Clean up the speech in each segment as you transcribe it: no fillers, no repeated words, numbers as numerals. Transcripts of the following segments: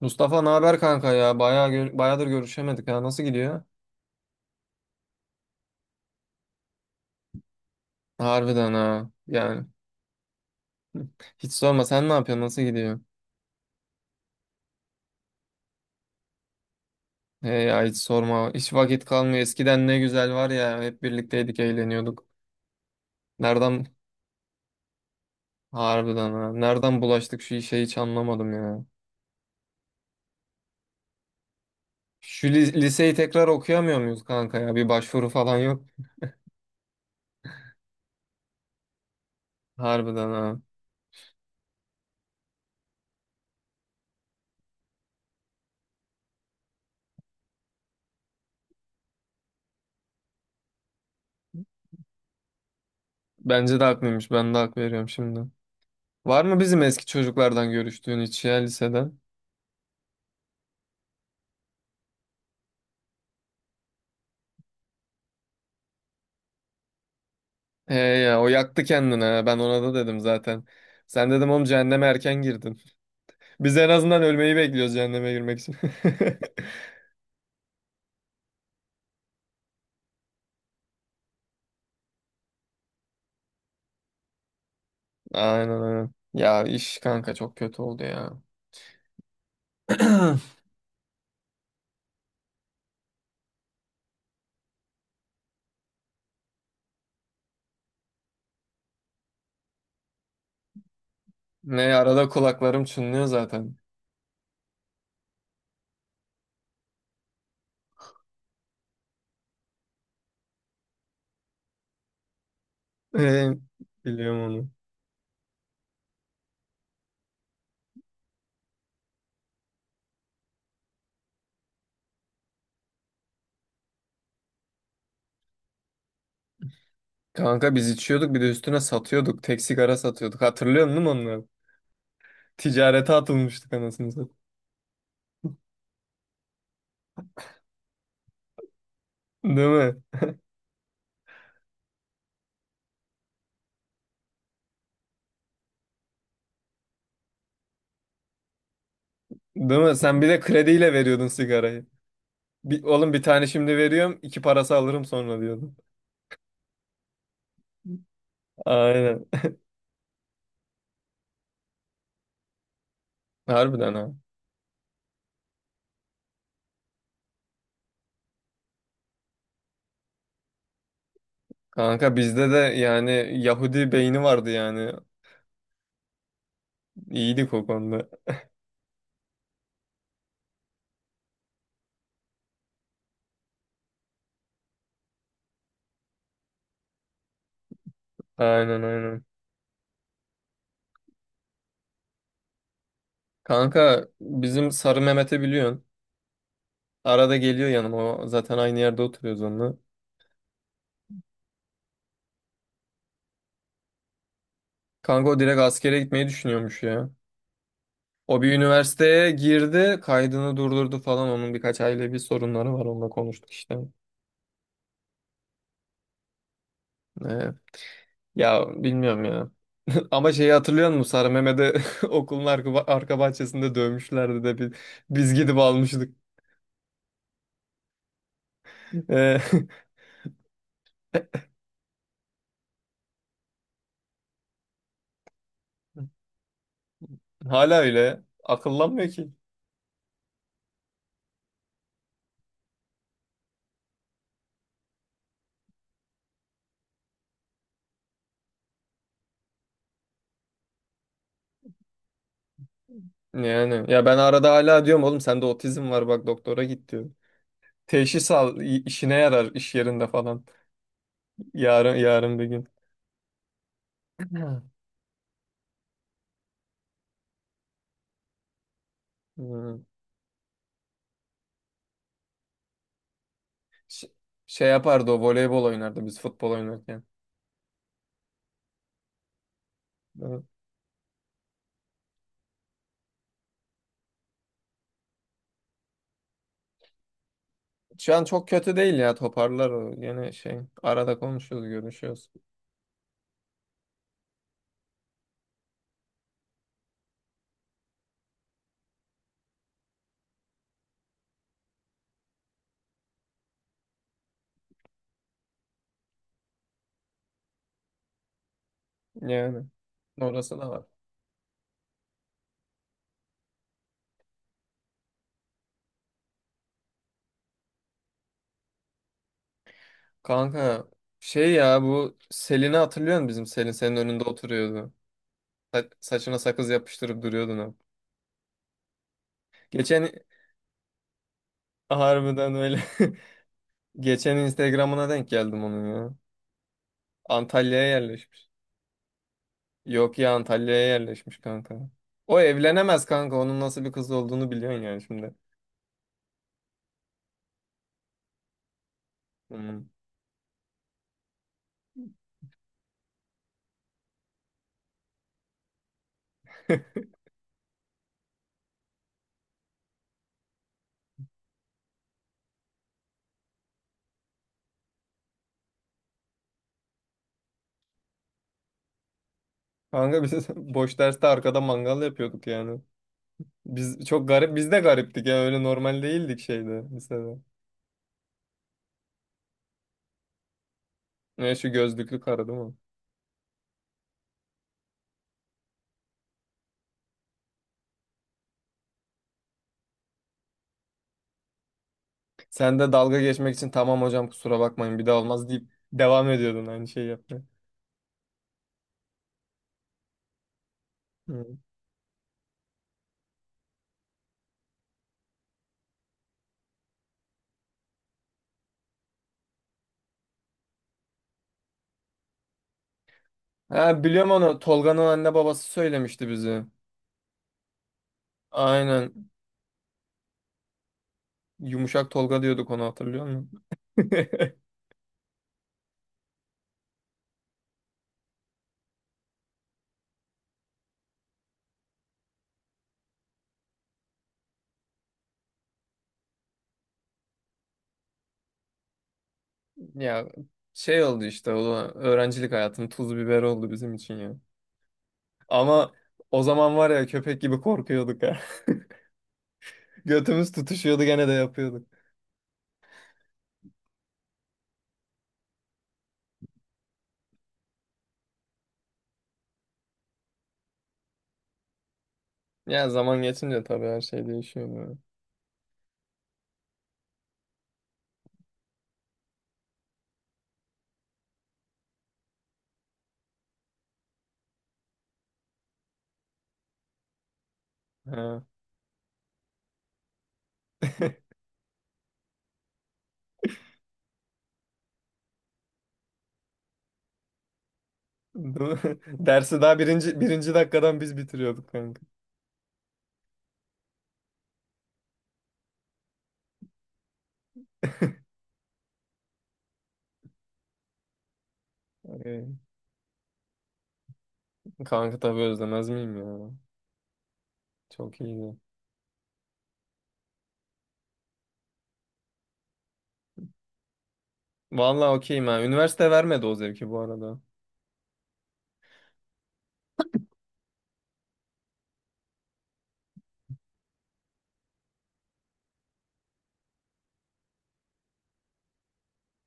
Mustafa ne haber kanka ya? Bayağıdır görüşemedik ha. Nasıl gidiyor? Harbiden ha. Yani hiç sorma, sen ne yapıyorsun? Nasıl gidiyor? He ya hiç sorma. Hiç vakit kalmıyor. Eskiden ne güzel var ya. Hep birlikteydik, eğleniyorduk. Nereden harbiden ha. Nereden bulaştık şu işe, hiç anlamadım ya. Şu liseyi tekrar okuyamıyor muyuz kanka ya? Bir başvuru falan yok. Harbiden ha. Bence de haklıymış. Ben de hak veriyorum şimdi. Var mı bizim eski çocuklardan görüştüğün hiç ya, liseden? He ya, o yaktı kendini ha. Ben ona da dedim zaten. Sen dedim oğlum, cehenneme erken girdin. Biz en azından ölmeyi bekliyoruz cehenneme girmek için. Aynen, aynen. Ya iş kanka çok kötü oldu ya. Ne arada kulaklarım çınlıyor zaten. Ee, Biliyorum onu. Kanka biz içiyorduk, bir de üstüne satıyorduk. Tek sigara satıyorduk. Hatırlıyorsun değil mi onları? Ticarete atılmıştık anasını satayım. Değil mi? Değil mi? Sen bir de krediyle veriyordun sigarayı. Bir, oğlum bir tane şimdi veriyorum, iki parası alırım sonra diyordun. Aynen. Harbiden ha. Kanka bizde de yani Yahudi beyni vardı yani. İyiydik o konuda. Aynen, aynen. Kanka bizim Sarı Mehmet'i biliyorsun. Arada geliyor yanıma. O zaten aynı yerde oturuyoruz onunla. Kanka o direkt askere gitmeyi düşünüyormuş ya. O bir üniversiteye girdi. Kaydını durdurdu falan. Onun birkaç ailevi sorunları var. Onunla konuştuk işte. Ee, ya bilmiyorum ya. Ama şeyi hatırlıyor musun? Sarı Mehmet'i okulun arka bahçesinde dövmüşlerdi de biz gidip almıştık. Ee, hala öyle. Akıllanmıyor ki. Yani ya ben arada hala diyorum oğlum sende otizm var bak doktora git diyor. Teşhis al, işine yarar iş yerinde falan. Yarın yarın bir gün. Hı. Hmm. Ş- Şey yapardı, o voleybol oynardı biz futbol oynarken. Evet. Şu an çok kötü değil ya, toparlar o. Yine şey, arada konuşuyoruz, görüşüyoruz. Yani orası da var. Kanka şey ya, bu Selin'i hatırlıyor musun, bizim Selin senin önünde oturuyordu. Saçına sakız yapıştırıp duruyordun. Geçen Harbiden öyle. Geçen Instagram'ına denk geldim onun ya. Antalya'ya yerleşmiş. Yok ya, Antalya'ya yerleşmiş kanka. O evlenemez kanka. Onun nasıl bir kız olduğunu biliyorsun yani şimdi. Hmm. Kanka biz boş derste arkada mangal yapıyorduk yani. Biz de gariptik ya, öyle normal değildik şeyde, lisede. Ne, şu gözlüklü karı değil mi? Sen de dalga geçmek için tamam hocam kusura bakmayın bir daha olmaz deyip devam ediyordun aynı şeyi yapmaya. Hmm. Ha, biliyorum onu. Tolga'nın anne babası söylemişti bize. Aynen. Yumuşak Tolga diyorduk, onu hatırlıyor musun? Ya şey oldu işte, o da öğrencilik hayatının tuz biber oldu bizim için ya. Ama o zaman var ya, köpek gibi korkuyorduk ha. Götümüz tutuşuyordu, gene de yapıyorduk. Ya zaman geçince tabii her şey değişiyor böyle. Ha. Değil mi? Dersi daha birinci dakikadan biz bitiriyorduk kanka. Ay, kanka tabii özlemez miyim ya? Çok iyiydi. Vallahi okeyim ha. Üniversite vermedi o zevki bu arada.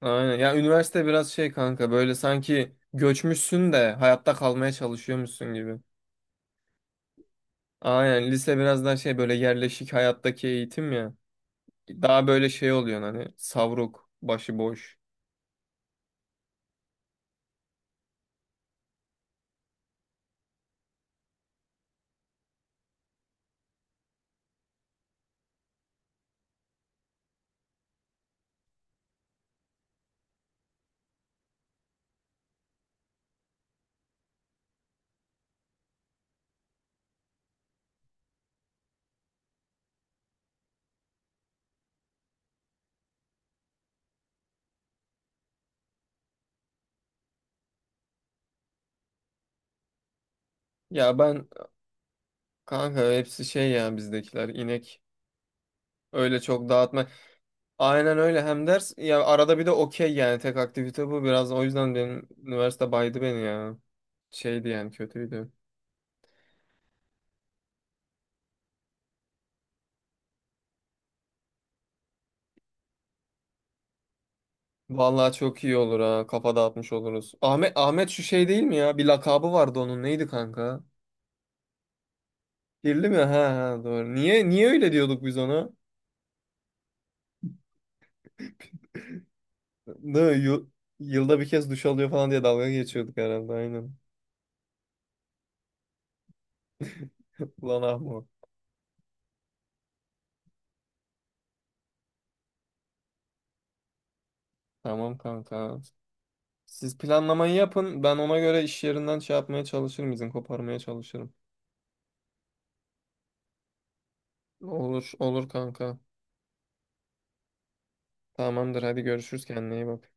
Aynen. Ya üniversite biraz şey kanka, böyle sanki göçmüşsün de hayatta kalmaya çalışıyormuşsun gibi. Aynen, lise biraz daha şey, böyle yerleşik hayattaki eğitim ya. Daha böyle şey oluyor hani, savruk, başıboş. Ya ben Kanka hepsi şey ya, bizdekiler inek. Öyle çok dağıtma. Aynen öyle, hem ders ya, arada bir de okey, yani tek aktivite bu biraz, o yüzden benim üniversite baydı beni ya. Şeydi yani, kötüydü. Vallahi çok iyi olur ha. Kafa dağıtmış oluruz. Ahmet şu şey değil mi ya? Bir lakabı vardı onun. Neydi kanka? Kirli mi? Ha, ha doğru. Niye öyle diyorduk biz ona? Değil mi? Yılda bir kez duş alıyor falan diye dalga geçiyorduk herhalde, aynen. Ulan Ahmet. Tamam kanka. Siz planlamayı yapın. Ben ona göre iş yerinden şey yapmaya çalışırım, izin koparmaya çalışırım. Olur olur kanka. Tamamdır, hadi görüşürüz, kendine iyi bak.